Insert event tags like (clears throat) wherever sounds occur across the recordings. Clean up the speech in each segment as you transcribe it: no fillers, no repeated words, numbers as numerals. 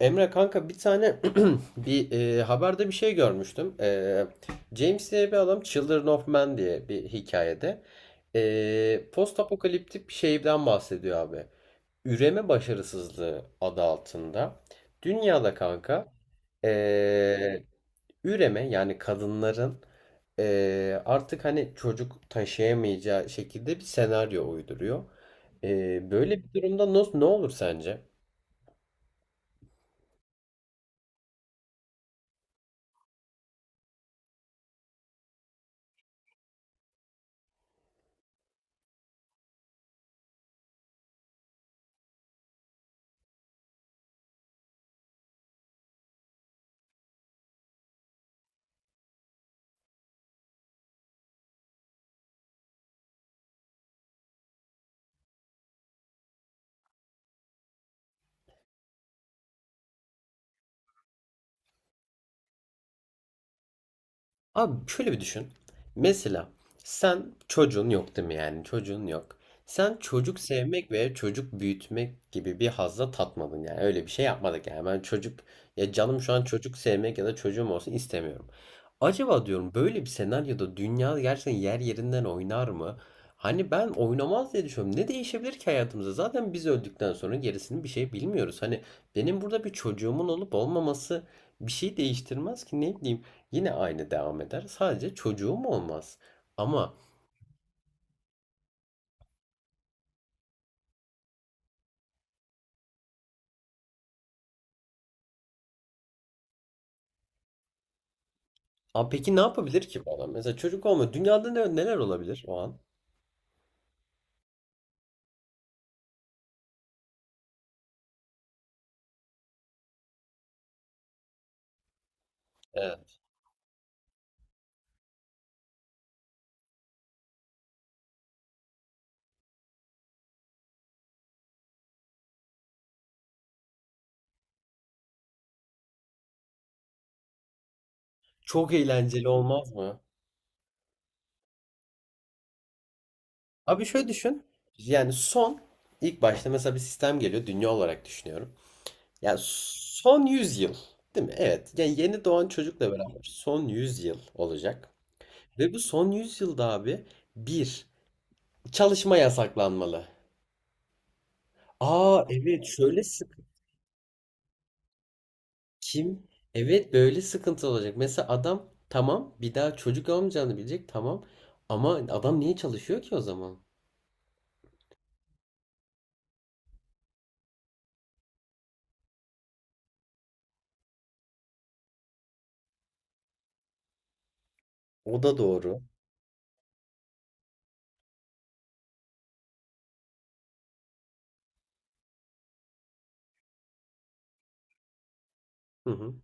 Emre kanka bir tane (clears throat) bir haberde bir şey görmüştüm. James diye bir adam Children of Men diye bir hikayede post apokaliptik bir şeyden bahsediyor abi. Üreme başarısızlığı adı altında. Dünyada kanka e, üreme yani kadınların artık hani çocuk taşıyamayacağı şekilde bir senaryo uyduruyor. Böyle bir durumda nasıl ne olur sence? Abi şöyle bir düşün. Mesela sen çocuğun yok değil mi, yani çocuğun yok. Sen çocuk sevmek ve çocuk büyütmek gibi bir hazla tatmadın, yani öyle bir şey yapmadık yani ben çocuk ya canım şu an çocuk sevmek ya da çocuğum olsun istemiyorum. Acaba diyorum, böyle bir senaryoda dünya gerçekten yer yerinden oynar mı? Hani ben oynamaz diye düşünüyorum. Ne değişebilir ki hayatımızda? Zaten biz öldükten sonra gerisini bir şey bilmiyoruz. Hani benim burada bir çocuğumun olup olmaması bir şey değiştirmez ki, ne bileyim. Yine aynı devam eder. Sadece çocuğum olmaz. Ama peki ne yapabilir ki bu adam? Mesela çocuk olma. Dünyada ne, neler olabilir o an? Evet. Çok eğlenceli olmaz mı? Abi şöyle düşün. Yani son ilk başta mesela bir sistem geliyor. Dünya olarak düşünüyorum. Yani son 100 yıl. Değil mi? Evet. Yani yeni doğan çocukla beraber son 100 yıl olacak. Ve bu son 100 yılda abi bir çalışma yasaklanmalı. Aa evet şöyle kim? Evet, böyle sıkıntı olacak. Mesela adam tamam, bir daha çocuk olmayacağını bilecek, tamam. Ama adam niye çalışıyor ki o zaman? O da doğru. Hı hı.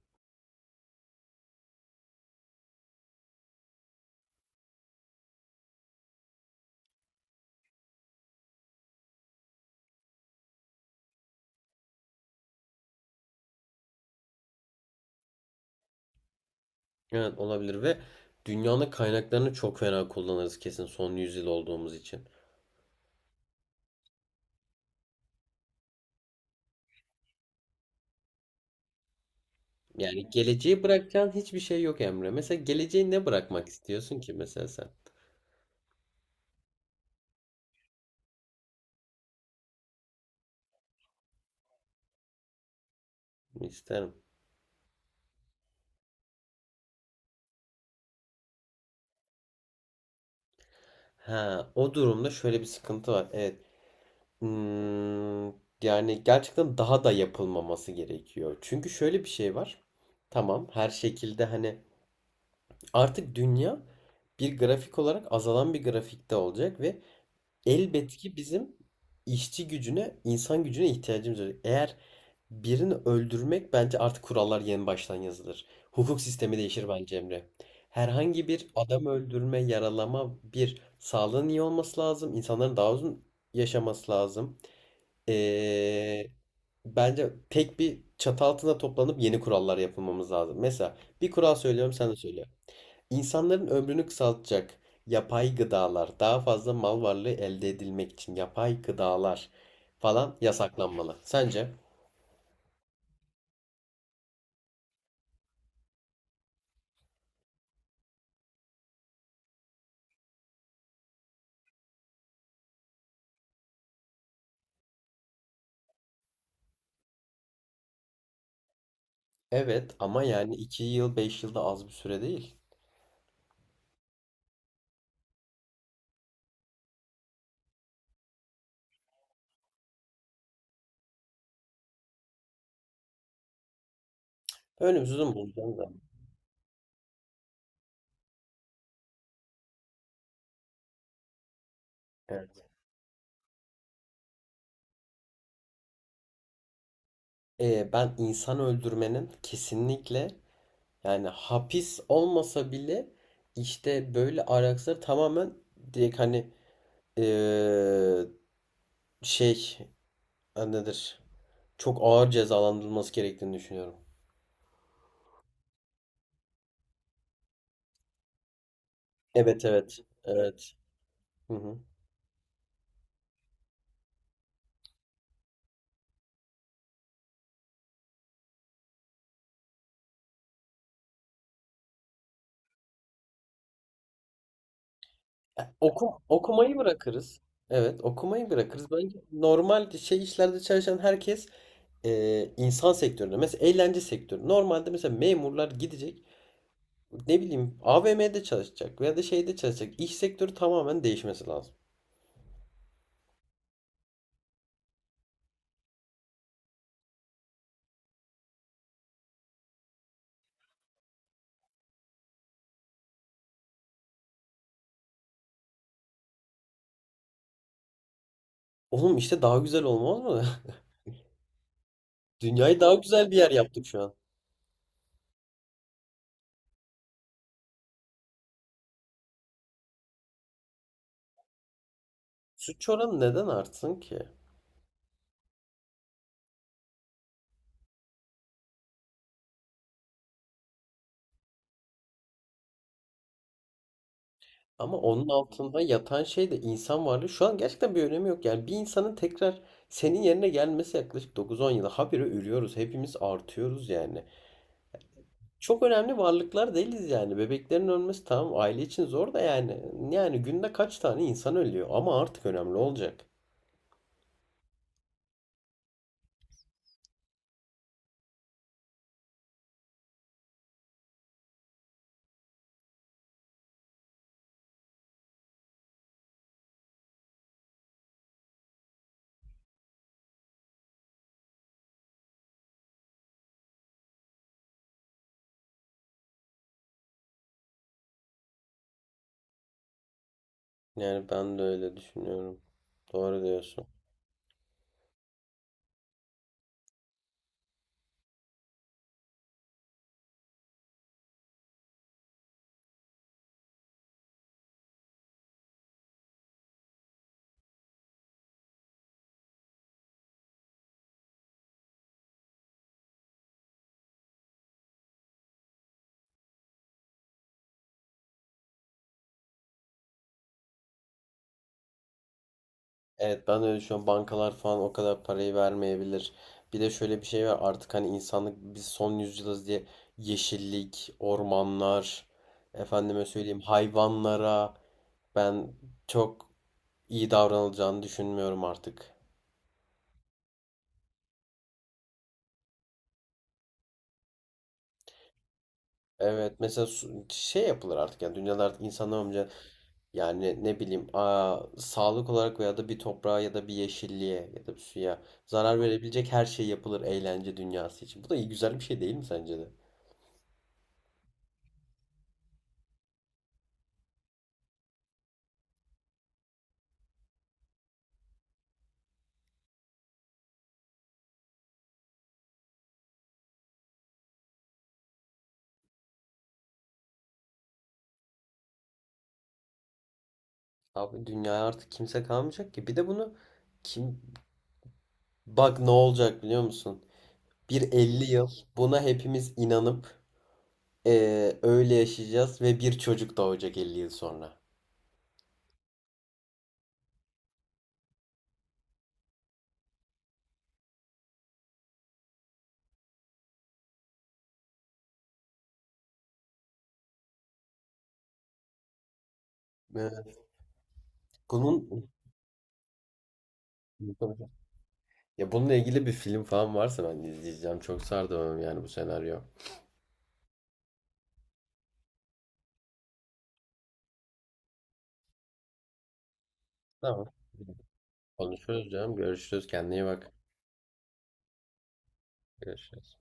Evet olabilir ve dünyanın kaynaklarını çok fena kullanırız kesin, son yüzyıl olduğumuz için. Yani geleceği bırakacağın hiçbir şey yok Emre. Mesela geleceği ne bırakmak istiyorsun ki mesela sen? İsterim. Ha, o durumda şöyle bir sıkıntı var. Evet. Hmm, yani gerçekten daha da yapılmaması gerekiyor. Çünkü şöyle bir şey var. Tamam, her şekilde hani artık dünya bir grafik olarak azalan bir grafikte olacak ve elbet ki bizim işçi gücüne, insan gücüne ihtiyacımız olacak. Eğer birini öldürmek, bence artık kurallar yeni baştan yazılır. Hukuk sistemi değişir bence Emre. Herhangi bir adam öldürme, yaralama, bir sağlığın iyi olması lazım, İnsanların daha uzun yaşaması lazım. Ee, bence tek bir çatı altında toplanıp yeni kurallar yapılmamız lazım. Mesela bir kural söylüyorum, sen de söyle. İnsanların ömrünü kısaltacak yapay gıdalar, daha fazla mal varlığı elde edilmek için yapay gıdalar falan yasaklanmalı. Sence? Evet ama yani 2 yıl 5 yılda az bir süre değil. Önümüzü bulacağız. Ama. Evet. Ben insan öldürmenin kesinlikle yani hapis olmasa bile, işte böyle araçları tamamen direkt hani eee, şey nedir? Çok ağır cezalandırılması gerektiğini düşünüyorum. Evet evet. Evet. Hı hı. Ya, okumayı bırakırız. Evet, okumayı bırakırız. Bence normal şey işlerde çalışan herkes insan sektöründe, mesela eğlence sektörü. Normalde mesela memurlar gidecek, ne bileyim AVM'de çalışacak veya da şeyde çalışacak. İş sektörü tamamen değişmesi lazım. Oğlum işte daha güzel olmaz mı? (laughs) Dünyayı daha güzel bir yer yaptık şu an. Suç oranı neden artsın ki? Ama onun altında yatan şey de insan varlığı. Şu an gerçekten bir önemi yok. Yani bir insanın tekrar senin yerine gelmesi yaklaşık dokuz on yıla. Habire ölüyoruz. Hepimiz artıyoruz yani. Çok önemli varlıklar değiliz yani. Bebeklerin ölmesi tamam, aile için zor da yani. Yani günde kaç tane insan ölüyor? Ama artık önemli olacak. Yani ben de öyle düşünüyorum. Doğru diyorsun. Evet ben de öyle düşünüyorum. Bankalar falan o kadar parayı vermeyebilir. Bir de şöyle bir şey var, artık hani insanlık biz son yüzyılız diye yeşillik, ormanlar, efendime söyleyeyim hayvanlara ben çok iyi davranılacağını düşünmüyorum artık. Evet, mesela şey yapılır artık yani, dünyada artık insanlar önce yani ne bileyim sağlık olarak veya da bir toprağa ya da bir yeşilliğe ya da bir suya zarar verebilecek her şey yapılır eğlence dünyası için. Bu da iyi güzel bir şey değil mi sence de? Abi dünyaya artık kimse kalmayacak ki. Bir de bunu kim bak ne olacak biliyor musun? Bir 50 yıl buna hepimiz inanıp öyle yaşayacağız ve bir çocuk doğacak 50 yıl sonra. Evet. Bunun ya bununla ilgili bir film falan varsa ben izleyeceğim. Çok sardı bana yani bu senaryo. Tamam. Konuşuruz canım. Görüşürüz. Kendine iyi bak. Görüşürüz.